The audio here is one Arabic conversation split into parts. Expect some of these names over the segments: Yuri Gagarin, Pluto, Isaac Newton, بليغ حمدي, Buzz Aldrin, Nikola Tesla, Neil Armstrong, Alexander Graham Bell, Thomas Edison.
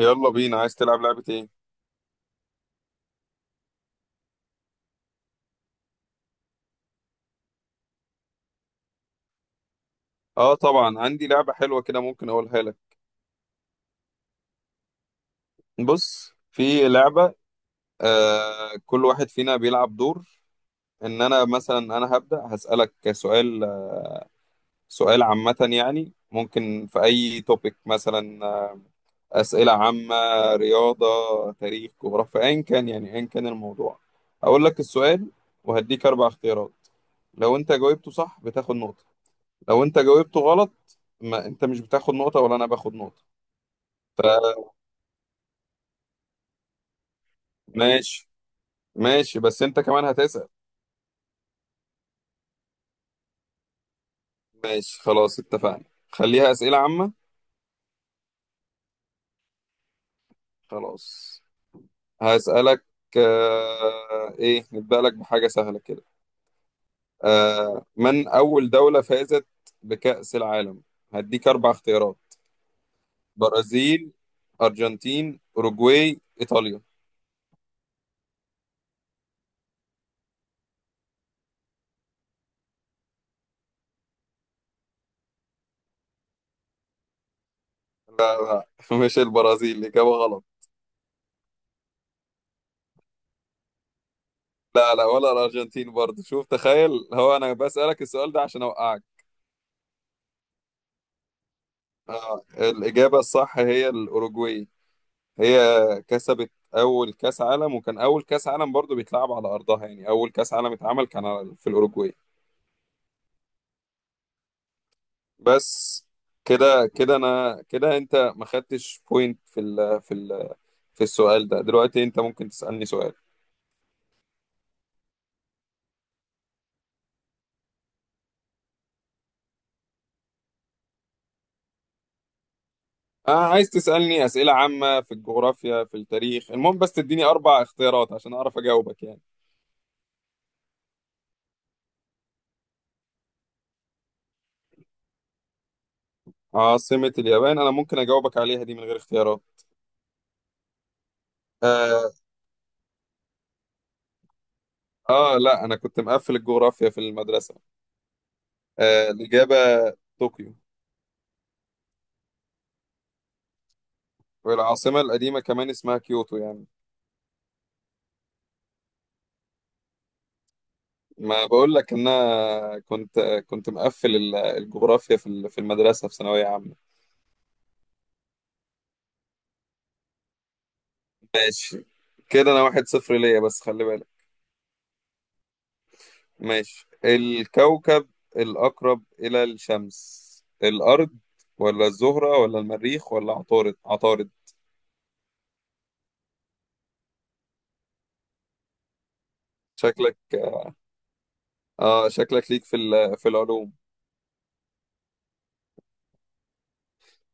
يلا بينا عايز تلعب لعبة ايه؟ اه طبعا عندي لعبة حلوة كده ممكن اقولها لك. بص في لعبة. كل واحد فينا بيلعب دور. انا مثلا انا هبدأ هسألك سؤال. سؤال عامة يعني ممكن في اي توبيك مثلا اسئلة عامة، رياضة، تاريخ، جغرافيا، ايا كان يعني ايا كان الموضوع. اقول لك السؤال وهديك اربع اختيارات. لو انت جاوبته صح بتاخد نقطة، لو انت جاوبته غلط ما انت مش بتاخد نقطة ولا انا باخد نقطة. ماشي. ماشي بس انت كمان هتسأل. ماشي، خلاص اتفقنا. خليها أسئلة عامة. خلاص. هسألك. ايه، نبدأ لك بحاجة سهلة كده. من أول دولة فازت بكأس العالم؟ هديك أربع اختيارات: برازيل، أرجنتين، أوروجواي، إيطاليا. لا لا. مش البرازيل، إجابة غلط. لا لا، ولا الأرجنتين برضه، شوف تخيل، هو أنا بسألك السؤال ده عشان أوقعك. الإجابة الصح هي الأوروجواي. هي كسبت اول كاس عالم، وكان اول كاس عالم برضو بيتلعب على ارضها، يعني اول كاس عالم اتعمل كان في الاوروجواي. بس. كده كده انا كده، انت ما خدتش بوينت في السؤال ده دلوقتي انت ممكن تسالني سؤال. انا عايز تسالني اسئله عامه في الجغرافيا، في التاريخ، المهم بس تديني اربع اختيارات عشان اعرف اجاوبك يعني. عاصمة اليابان، انا ممكن اجاوبك عليها دي من غير اختيارات آه, اه، لا انا كنت مقفل الجغرافيا في المدرسة. الاجابة طوكيو. والعاصمة القديمة كمان اسمها كيوتو يعني. ما بقول لك ان انا كنت مقفل الجغرافيا في المدرسة في ثانوية عامة. ماشي. كده انا 1-0 ليا بس خلي بالك. ماشي، الكوكب الأقرب إلى الشمس، الأرض ولا الزهرة ولا المريخ ولا عطارد؟ عطارد. شكلك اه شكلك ليك في العلوم.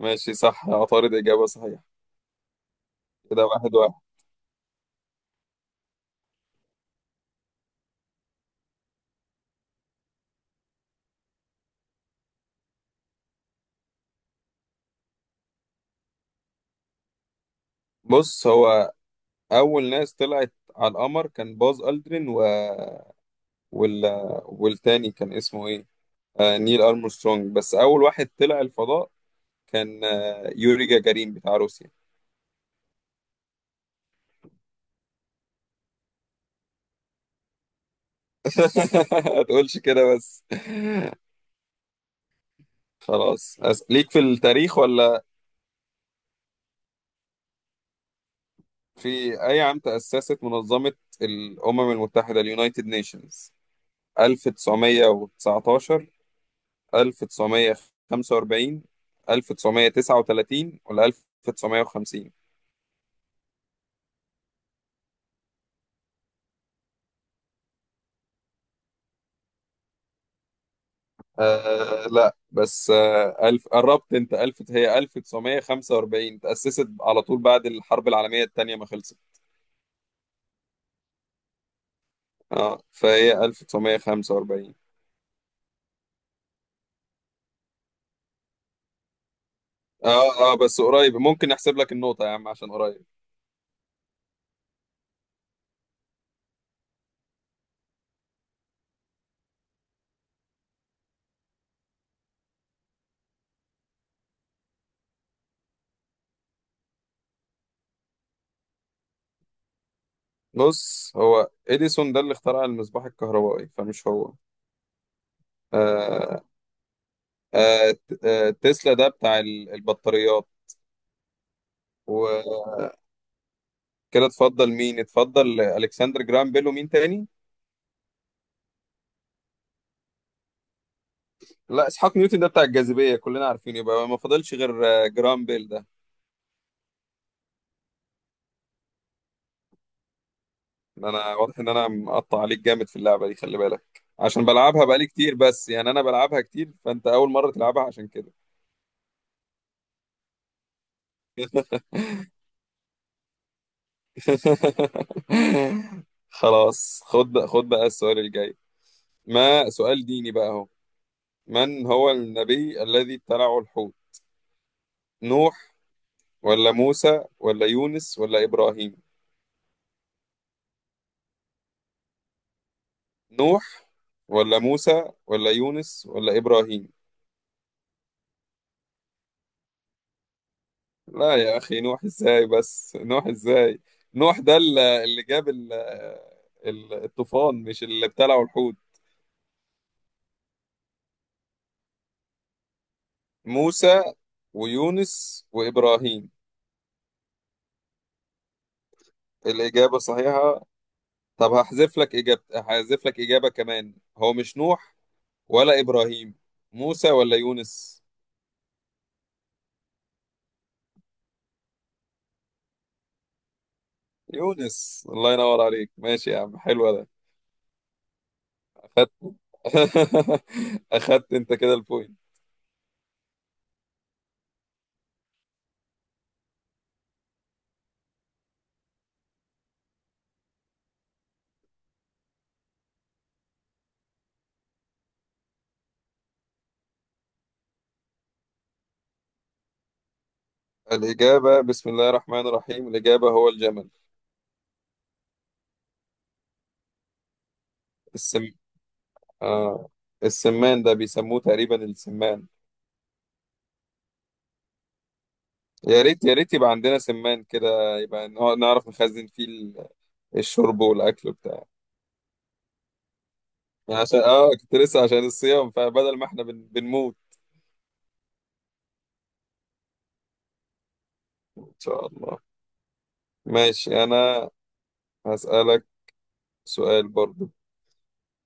ماشي صح، عطارد إجابة صحيحة. كده 1-1. بص هو أول ناس طلعت على القمر كان باز ألدرين وال... والتاني كان اسمه ايه، نيل ارمسترونج. بس اول واحد طلع الفضاء كان يوري جاجارين بتاع روسيا. ما تقولش كده بس. خلاص ليك في التاريخ ولا؟ في اي عام تأسست منظمة الأمم المتحدة اليونايتد نيشنز؟ 1919، 1945، 1939 ولا 1950؟ لا، بس ألف، قربت أنت، ألف، هي 1945 تأسست على طول بعد الحرب العالمية التانية ما خلصت. اه فهي 1945. اه اه بس قريب، ممكن نحسب لك النقطة يا عم عشان قريب. بص، هو إديسون ده اللي اخترع المصباح الكهربائي فمش هو. آه تسلا ده بتاع البطاريات وكده. اتفضل مين؟ اتفضل ألكسندر جرام بيل، ومين تاني؟ لا اسحاق نيوتن ده بتاع الجاذبيه كلنا عارفين، يبقى ما فاضلش غير جرام بيل ده. انا واضح ان انا مقطع عليك جامد في اللعبه دي، خلي بالك عشان بلعبها بقالي كتير، بس يعني انا بلعبها كتير، فانت اول مره تلعبها عشان كده. خلاص، خد بقى خد بقى السؤال الجاي، ما سؤال ديني بقى اهو. من هو النبي الذي ابتلعه الحوت؟ نوح ولا موسى ولا يونس ولا ابراهيم؟ نوح ولا موسى ولا يونس ولا ابراهيم؟ لا يا أخي، نوح إزاي بس، نوح إزاي؟ نوح ده اللي جاب الطوفان، مش اللي ابتلعوا الحوت. موسى ويونس وإبراهيم. الإجابة صحيحة. طب هحذف لك إجابة، هحذف لك إجابة كمان، هو مش نوح ولا إبراهيم. موسى ولا يونس؟ يونس، الله ينور عليك، ماشي يا عم، حلو ده. أخدت. أخدت أنت كده البوينت. الإجابة بسم الله الرحمن الرحيم، الإجابة هو الجمل. السم... اه السمان ده بيسموه تقريبا السمان. يا ريت يا ريت يبقى عندنا سمان كده، يبقى نعرف نخزن فيه الشرب والاكل بتاع. عشان كنت لسه، عشان الصيام، فبدل ما احنا بنموت. ان شاء الله. ماشي، انا هسألك سؤال برضو.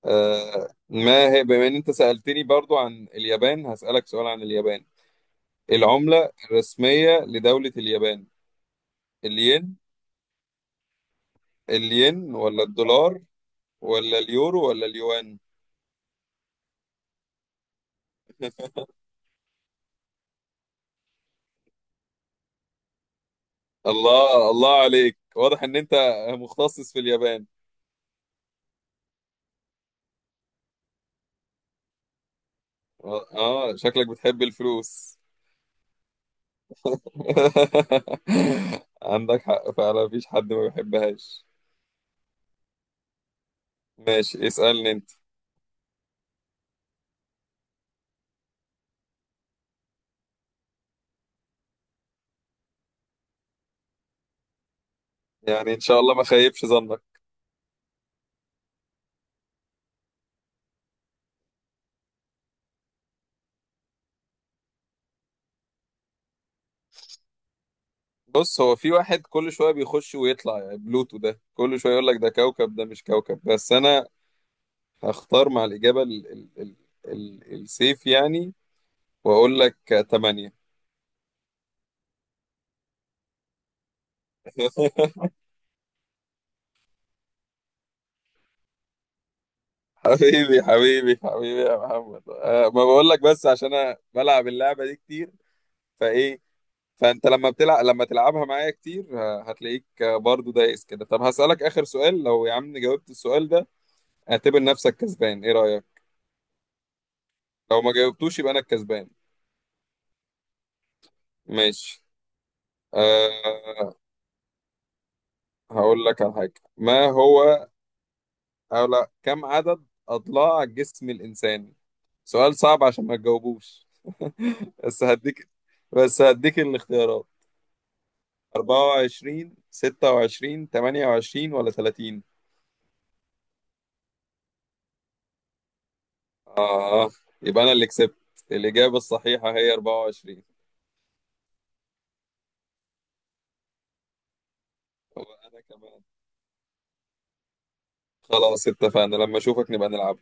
ما هي بما ان انت سألتني برضو عن اليابان، هسألك سؤال عن اليابان. العملة الرسمية لدولة اليابان، الين الين ولا الدولار ولا اليورو ولا اليوان؟ الله الله عليك، واضح ان انت مختصص في اليابان. اه شكلك بتحب الفلوس. عندك حق فعلا، مفيش حد ما بيحبهاش. ماشي، اسألني انت. يعني ان شاء الله ما خيبش ظنك. بص، هو في واحد كل شوية بيخش ويطلع يعني، بلوتو ده كل شوية يقول لك ده كوكب ده مش كوكب، بس انا هختار مع الإجابة ال ال ال ال السيف يعني، واقول لك 8. حبيبي حبيبي حبيبي يا محمد، ما بقول لك بس عشان انا بلعب اللعبه دي كتير فايه، فانت لما تلعبها معايا كتير هتلاقيك برضو دايس كده. طب هسألك اخر سؤال، لو يا عم جاوبت السؤال ده، اعتبر نفسك كسبان، ايه رأيك؟ لو ما جاوبتوش يبقى انا الكسبان. ماشي. أه هقول لك على حاجه ما هو. أو لا، كم عدد اضلاع جسم الانسان؟ سؤال صعب عشان ما تجاوبوش. بس هديك بس هديك الاختيارات: 24، 26، 28 ولا 30؟ آه يبقى أنا اللي كسبت. الإجابة الصحيحة هي 24. وأنا كمان. خلاص اتفقنا لما أشوفك نبقى نلعب.